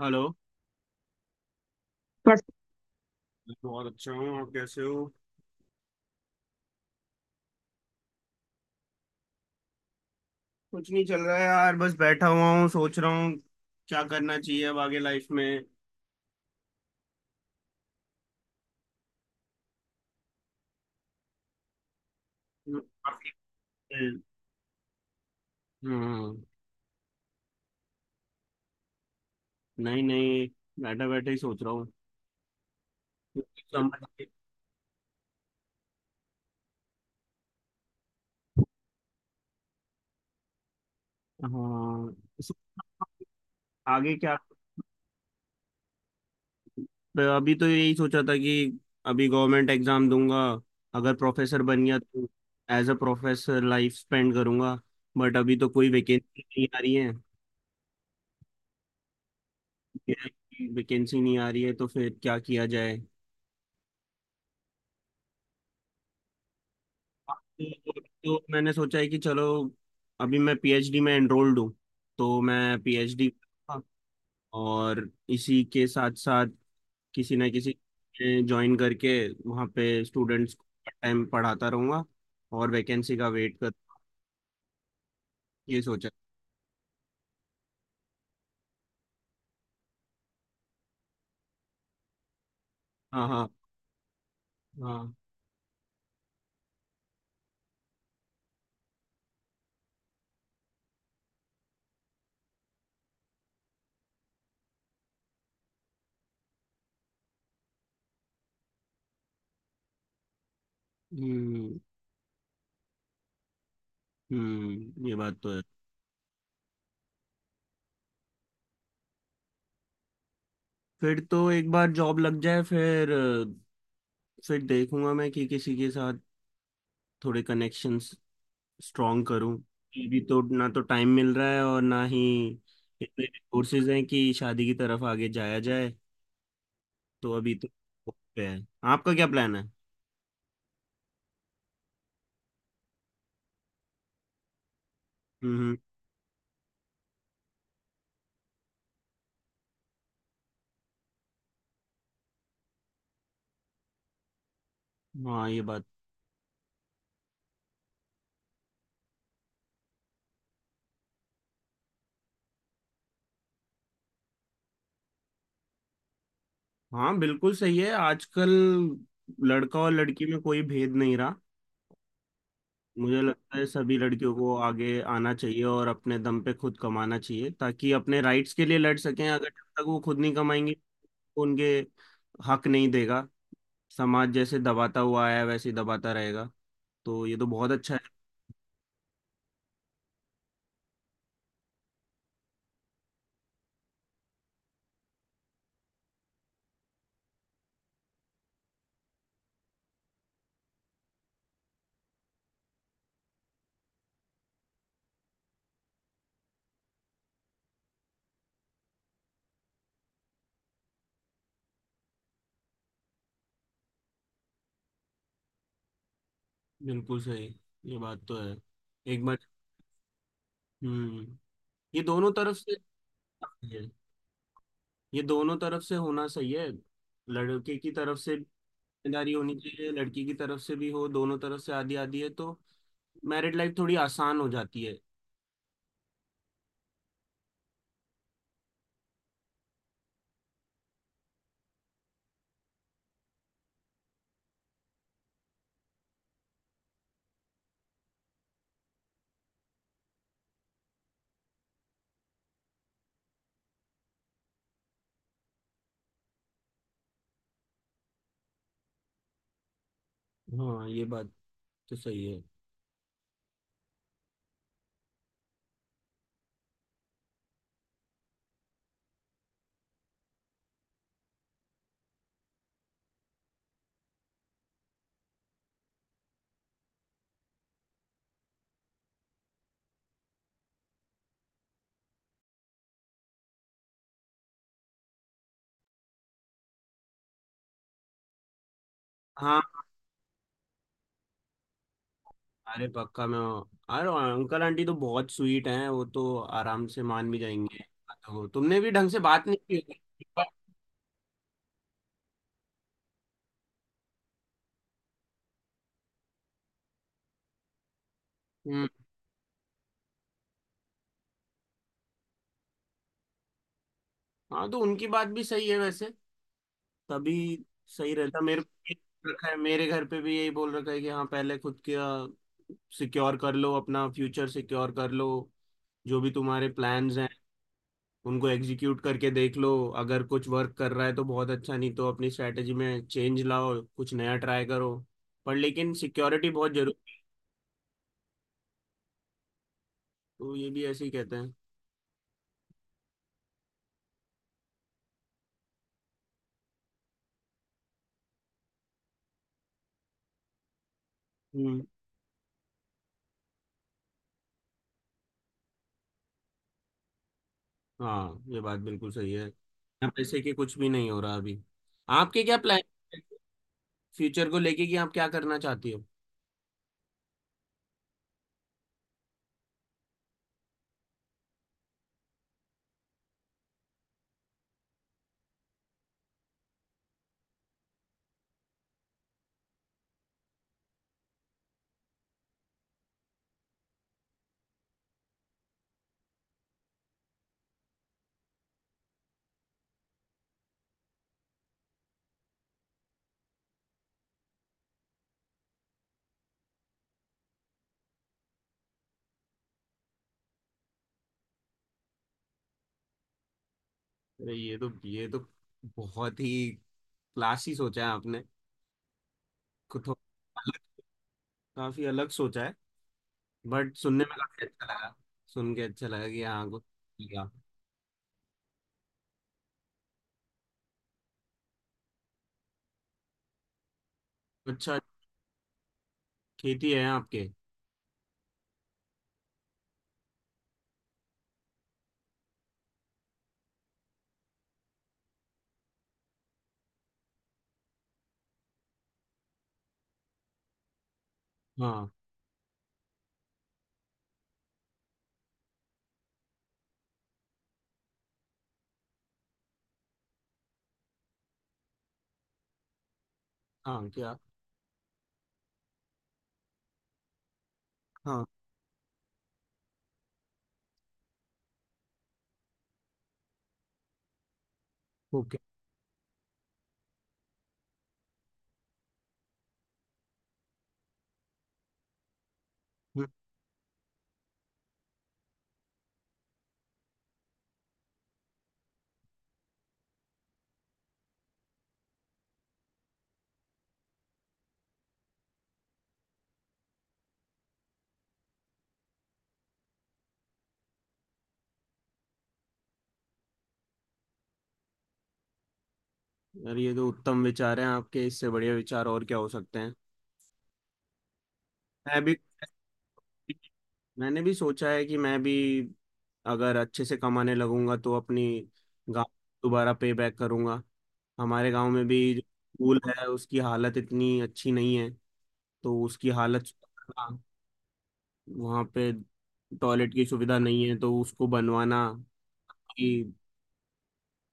Hello. पर मैं तो बहुत अच्छा हूँ। आप कैसे हो? कुछ नहीं चल रहा है यार, बस बैठा हुआ हूँ, सोच रहा हूँ क्या करना चाहिए अब आगे लाइफ में। हम्म। नहीं नहीं, बैठा बैठे ही सोच रहा हूँ। समझ- हाँ। सो- आगे क्या। तो अभी तो यही सोचा था कि अभी गवर्नमेंट एग्जाम दूंगा। अगर प्रोफेसर बन गया तो as a professor life spend करूंगा। बट अभी तो कोई वैकेंसी नहीं आ रही है। वैकेंसी नहीं आ रही है तो फिर क्या किया जाए। तो मैंने सोचा है कि चलो, अभी मैं पीएचडी में एनरोल्ड हूँ, तो मैं पीएचडी और इसी के साथ साथ किसी ना किसी ज्वाइन करके वहाँ पे स्टूडेंट्स को पार्ट टाइम पढ़ाता रहूँगा और वैकेंसी का वेट कर। ये सोचा। हाँ हाँ। हाँ। हम्म। हम्म, ये बात तो है। फिर तो एक बार जॉब लग जाए, फिर देखूंगा मैं कि किसी के साथ थोड़े कनेक्शंस स्ट्रांग करूं। अभी तो ना तो टाइम मिल रहा है और ना ही इतने कोर्सेज हैं कि शादी की तरफ आगे जाया जाए। तो अभी तो hope पे है। आपका क्या प्लान है? हम्म। हम्म। हाँ ये बात। हाँ बिल्कुल सही है। आजकल लड़का और लड़की में कोई भेद नहीं रहा। मुझे लगता है सभी लड़कियों को आगे आना चाहिए और अपने दम पे खुद कमाना चाहिए, ताकि अपने राइट्स के लिए लड़ सकें। अगर जब तक वो खुद नहीं कमाएंगे तो उनके हक नहीं देगा। समाज जैसे दबाता हुआ आया है, वैसे ही दबाता रहेगा। तो ये तो बहुत अच्छा है। बिल्कुल सही। ये बात तो है। एक बार। हम्म। ये दोनों तरफ से काफी है। ये दोनों तरफ से होना सही है। लड़के की तरफ से भी जिम्मेदारी होनी चाहिए, लड़की की तरफ से भी हो, दोनों तरफ से आधी आधी है तो मैरिड लाइफ थोड़ी आसान हो जाती है। हाँ ये बात तो सही है। हाँ। अरे पक्का मैं। अरे अंकल आंटी तो बहुत स्वीट हैं, वो तो आराम से मान भी जाएंगे। तो तुमने भी ढंग से बात नहीं की होगी। हम्म। हाँ तो उनकी बात भी सही है वैसे। तभी सही रहता। मेरे को यही रखा है, मेरे घर पे भी यही बोल रखा है कि हाँ पहले खुद का सिक्योर कर लो, अपना फ्यूचर सिक्योर कर लो। जो भी तुम्हारे प्लान्स हैं उनको एग्जीक्यूट करके देख लो। अगर कुछ वर्क कर रहा है तो बहुत अच्छा, नहीं तो अपनी स्ट्रैटेजी में चेंज लाओ, कुछ नया ट्राई करो। पर लेकिन सिक्योरिटी बहुत जरूरी। तो ये भी ऐसे ही कहते हैं। हम्म। हाँ ये बात बिल्कुल सही है। यहाँ पैसे के कुछ भी नहीं हो रहा अभी। आपके क्या प्लान फ्यूचर को लेके कि आप क्या करना चाहती हो? अरे ये तो, ये तो बहुत ही क्लासी सोचा है आपने। कुछ थोड़ा अलग, काफी अलग सोचा है। बट सुनने में काफी अच्छा लगा। सुन के अच्छा लगा कि हाँ कुछ किया। अच्छा। खेती है आपके? हाँ। हाँ, क्या? हाँ। ओके। हम्म। यार ये तो उत्तम विचार हैं आपके, इससे बढ़िया विचार और क्या हो सकते हैं। मैं भी, मैंने भी सोचा है कि मैं भी, अगर अच्छे से कमाने लगूंगा तो अपनी गांव दोबारा पे बैक करूंगा। हमारे गांव में भी जो स्कूल है उसकी हालत इतनी अच्छी नहीं है, तो उसकी हालत सुधारना, वहाँ पे टॉयलेट की सुविधा नहीं है तो उसको बनवाना, कि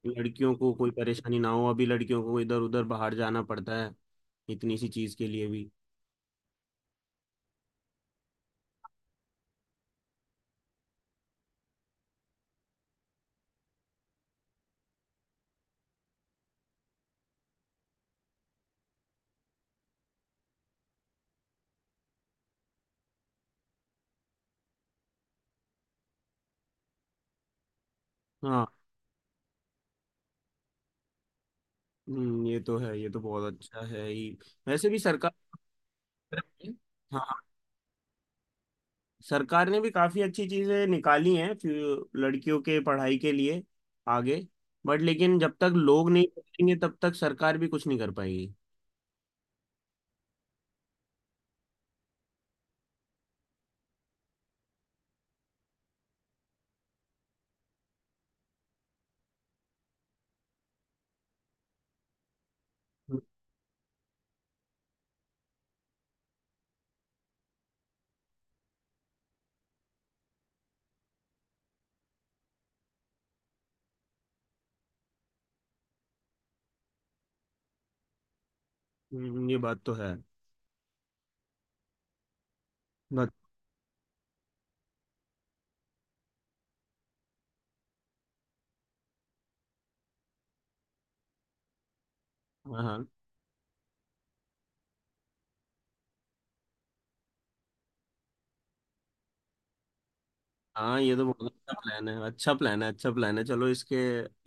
लड़कियों को कोई परेशानी ना हो। अभी लड़कियों को इधर उधर बाहर जाना पड़ता है इतनी सी चीज़ के लिए भी। हाँ। ये तो है, ये तो बहुत अच्छा है ही। वैसे भी सरकार। हाँ, सरकार ने भी काफी अच्छी चीजें निकाली हैं फ्यू- लड़कियों के पढ़ाई के लिए आगे। बट लेकिन जब तक लोग नहीं सोचेंगे तब तक सरकार भी कुछ नहीं कर पाएगी। ये बात तो है। बट हाँ। हाँ ये तो बहुत अच्छा प्लान है, अच्छा प्लान है, अच्छा प्लान है। चलो इसके,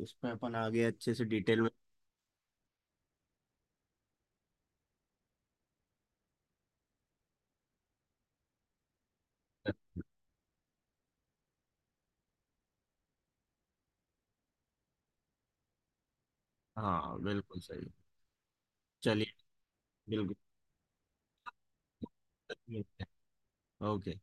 इस पे अपन आगे अच्छे से डिटेल में। हाँ बिल्कुल सही। चलिए। बिल्कुल। ओके।